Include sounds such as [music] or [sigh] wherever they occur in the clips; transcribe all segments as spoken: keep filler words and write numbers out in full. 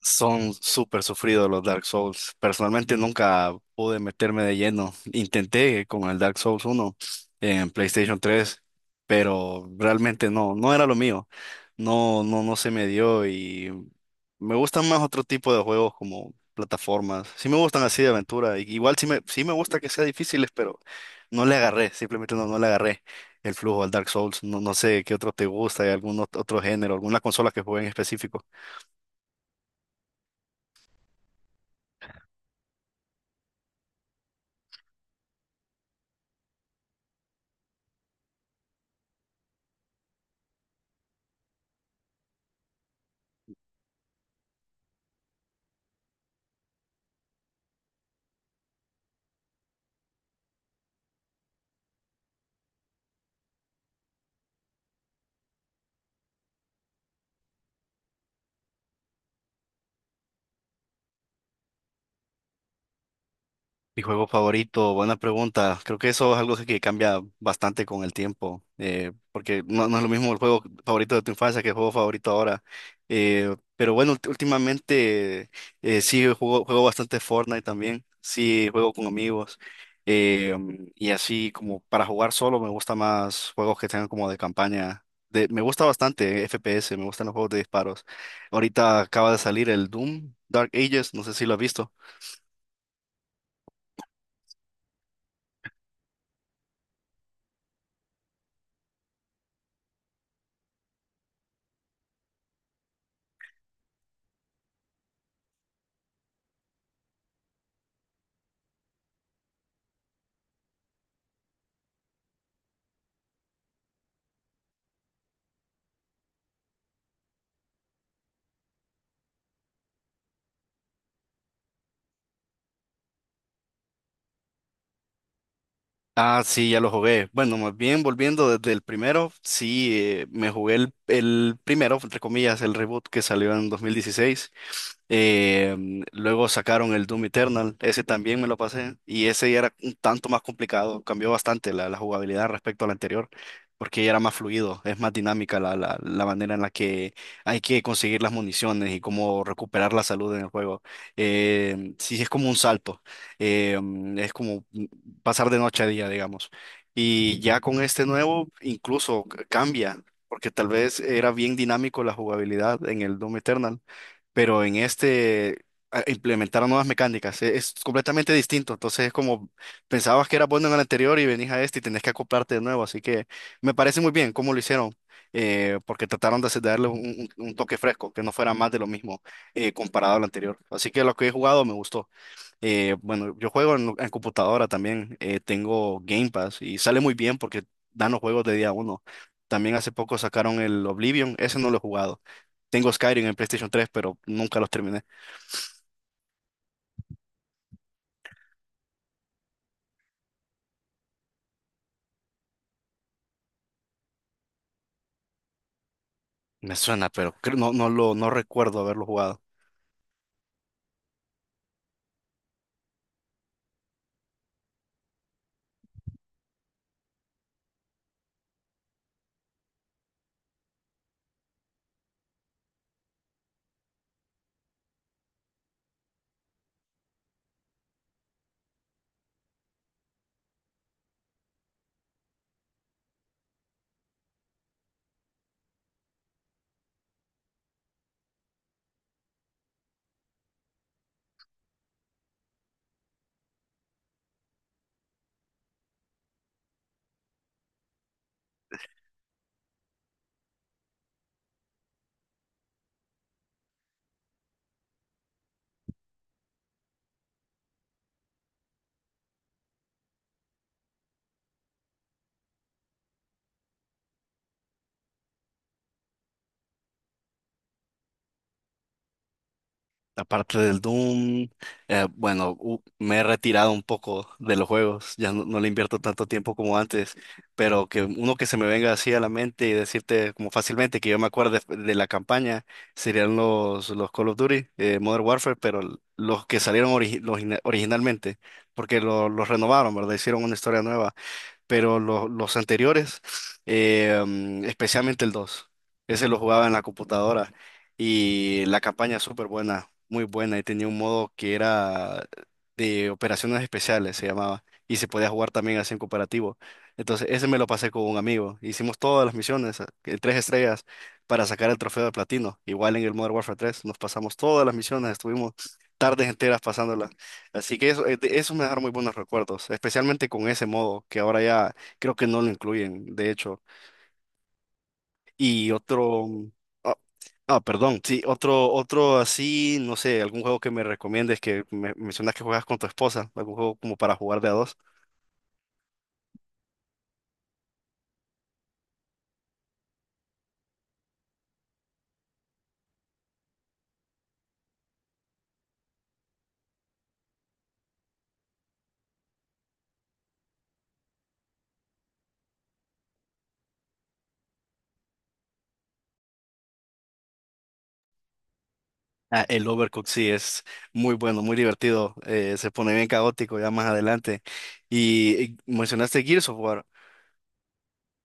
Son súper sufridos los Dark Souls. Personalmente nunca pude meterme de lleno. Intenté con el Dark Souls uno en PlayStation tres, pero realmente no, no era lo mío. No, no, no se me dio y me gustan más otro tipo de juegos como plataformas. Sí me gustan así de aventura. I- Igual sí me, sí me gusta que sean difíciles, pero no le agarré. Simplemente no, no le agarré el flujo al Dark Souls. No, no sé qué otro te gusta, hay algún ot- otro género, alguna consola que juegue en específico. Mi juego favorito, buena pregunta. Creo que eso es algo que cambia bastante con el tiempo, eh, porque no, no es lo mismo el juego favorito de tu infancia que el juego favorito ahora. Eh, pero bueno, ult- últimamente eh, sí juego, juego bastante Fortnite también, sí juego con amigos eh, y así como para jugar solo me gusta más juegos que tengan como de campaña. De, me gusta bastante F P S, me gustan los juegos de disparos. Ahorita acaba de salir el Doom Dark Ages, no sé si lo has visto. Ah, sí, ya lo jugué. Bueno, más bien volviendo desde el primero, sí, eh, me jugué el, el primero, entre comillas, el reboot que salió en dos mil dieciséis. Eh, mm, luego sacaron el Doom Eternal, ese también me lo pasé y ese ya era un tanto más complicado, cambió bastante la, la jugabilidad respecto al anterior, porque ya era más fluido, es más dinámica la, la, la manera en la que hay que conseguir las municiones y cómo recuperar la salud en el juego. Eh, sí, es como un salto, eh, mm, es como pasar de noche a día, digamos. Y ya con este nuevo incluso c- cambia, porque tal vez era bien dinámico la jugabilidad en el Doom Eternal, pero en este a- implementaron nuevas mecánicas, e- es completamente distinto, entonces es como pensabas que era bueno en el anterior y venís a este y tenés que acoplarte de nuevo, así que me parece muy bien cómo lo hicieron. Eh, porque trataron de hacer- de darle un, un- un toque fresco, que no fuera más de lo mismo eh, comparado al anterior. Así que lo que he jugado me gustó. Eh, bueno, yo juego en, en computadora también, eh, tengo Game Pass y sale muy bien porque dan los juegos de día uno. También hace poco sacaron el Oblivion, ese no lo he jugado. Tengo Skyrim en PlayStation tres, pero nunca los terminé. Me suena, pero creo- no, no lo, no recuerdo haberlo jugado. Aparte del Doom, eh, bueno, u- me he retirado un poco de los juegos, ya no, no le invierto tanto tiempo como antes, pero que uno que se me venga así a la mente y decirte como fácilmente que yo me acuerdo de, de la campaña serían los, los Call of Duty, eh, Modern Warfare, pero l- los que salieron origi- los ina- originalmente, porque lo- los renovaron, ¿verdad? Hicieron una historia nueva, pero lo- los anteriores, eh, mm, especialmente el dos, ese lo jugaba en la computadora y la campaña súper buena, muy buena, y tenía un modo que era de operaciones especiales, se llamaba, y se podía jugar también así en cooperativo. Entonces, ese me lo pasé con un amigo. Hicimos todas las misiones, eh, tres estrellas, para sacar el trofeo de platino. Igual en el Modern Warfare tres nos pasamos todas las misiones, estuvimos tardes enteras pasándolas. Así que eso, eh, de- eso me dejaron muy buenos recuerdos, especialmente con ese modo, que ahora ya creo que no lo incluyen, de hecho. Y otro, mm, ah, ah, perdón, sí, otro, otro así, no sé, algún juego que me recomiendes, que me mencionas que juegas con tu esposa, algún juego como para jugar de a dos. Ah, el Overcooked sí es muy bueno, muy divertido, eh, se pone bien caótico ya más adelante. Y, y mencionaste Gears of War.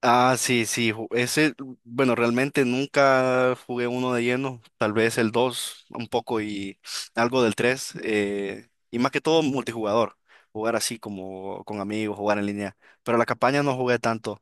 Ah, sí, sí, ju- ese, bueno, realmente nunca jugué uno de lleno, tal vez el dos un poco y algo del tres, y más que todo multijugador, jugar así como con amigos, jugar en línea, pero la campaña no jugué tanto.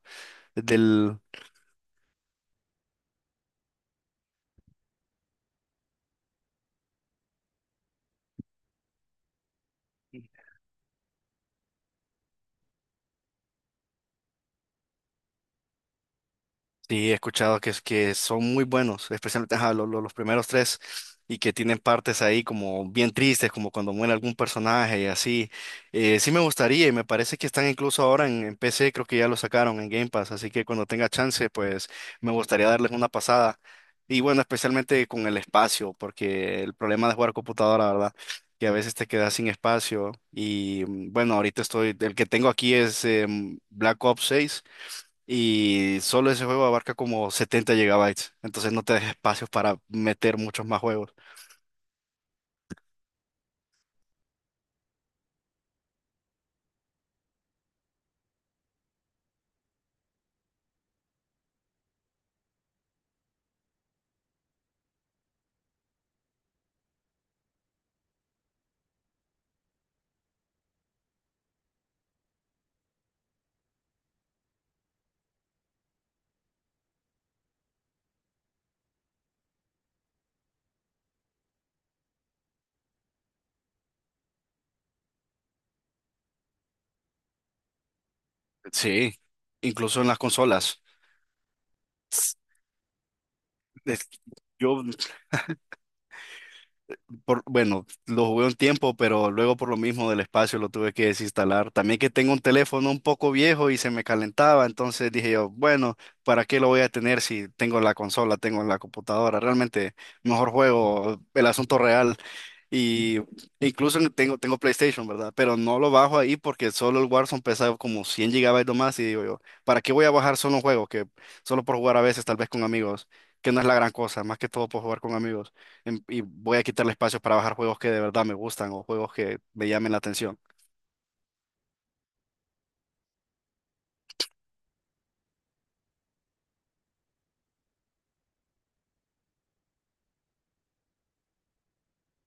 Sí, he escuchado que, es- que son muy buenos, especialmente ajá, lo- lo- los primeros tres, y que tienen partes ahí como bien tristes, como cuando muere algún personaje y así. Eh, sí me gustaría, y me parece que están incluso ahora en, en P C, creo que ya lo sacaron en Game Pass, así que cuando tenga chance, pues me gustaría darles una pasada. Y bueno, especialmente con el espacio, porque el problema de jugar computadora, ¿verdad? Que a veces te quedas sin espacio. Y mm, bueno, ahorita estoy, el que tengo aquí es em, Black Ops seis, y solo ese juego abarca como setenta gigabytes, entonces no te deja espacios para meter muchos más juegos. Sí, incluso en las consolas. Es- Yo por, bueno, lo jugué un tiempo, pero luego por lo mismo del espacio lo tuve que desinstalar. También que tengo un teléfono un poco viejo y se me calentaba, entonces dije yo, bueno, ¿para qué lo voy a tener si tengo la consola, tengo la computadora? Realmente mejor juego el asunto real. Y incluso tengo, tengo PlayStation, ¿verdad? Pero no lo bajo ahí porque solo el Warzone pesa como cien gigabytes o más y digo yo, ¿para qué voy a bajar solo un juego que solo por jugar a veces, tal vez con amigos, que no es la gran cosa, más que todo por jugar con amigos? Em- y voy a quitarle espacio para bajar juegos que de verdad me gustan o juegos que me llamen la atención.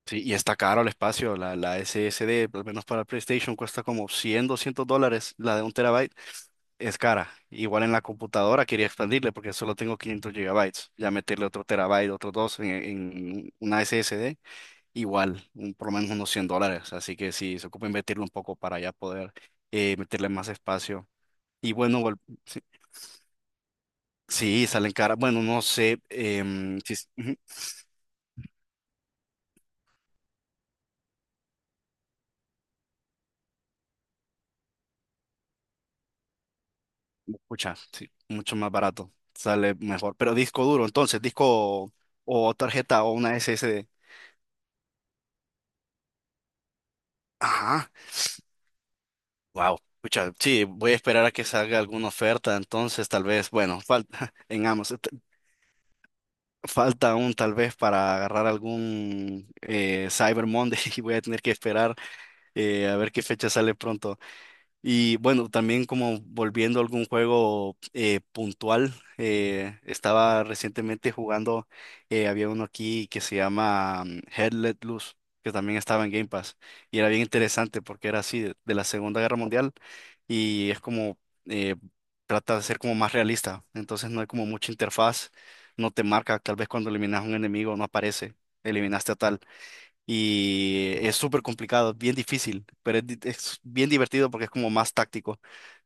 Sí, y está caro el espacio, la, la S S D, al menos para PlayStation, cuesta como cien doscientos dólares, la de un terabyte es cara. Igual en la computadora quería expandirle porque solo tengo quinientos gigabytes, ya meterle otro terabyte, otros dos en, en una S S D, igual, un- por lo menos unos cien dólares, así que sí, se ocupa invertirlo un poco para ya poder eh, meterle más espacio. Y bueno, vol- sí, sí, salen caras, bueno, no sé em, si... Pucha, sí, mucho más barato, sale mejor. Pero disco duro, entonces, disco o tarjeta o una S S D. Ajá, wow. Pucha, sí, voy a esperar a que salga alguna oferta, entonces tal vez, bueno, falta [laughs] en Amazon, t- falta aún tal vez para agarrar algún eh, Cyber Monday [laughs] y voy a tener que esperar eh, a ver qué fecha sale pronto. Y bueno, también como volviendo a algún juego eh, puntual, eh, estaba recientemente jugando, eh, había uno aquí que se llama mm, Hell Let Loose, que también estaba en Game Pass, y era bien interesante porque era así, de, de la Segunda Guerra Mundial, y es como, eh, trata de ser como más realista, entonces no hay como mucha interfaz, no te marca, tal vez cuando eliminas a un enemigo no aparece, eliminaste a tal, y es súper complicado, bien difícil, pero es, di- es bien divertido porque es como más táctico.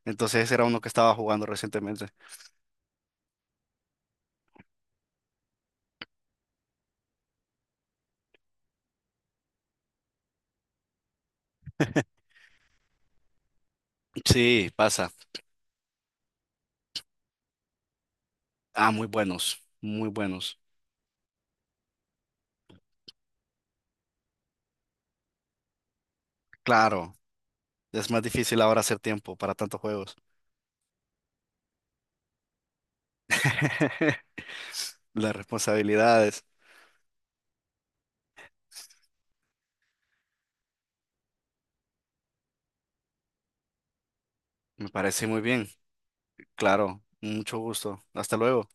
Entonces ese era uno que estaba jugando recientemente. Sí, pasa. Ah, muy buenos, muy buenos. Claro, es más difícil ahora hacer tiempo para tantos juegos. [laughs] Las responsabilidades. Me parece muy bien. Claro, mucho gusto. Hasta luego.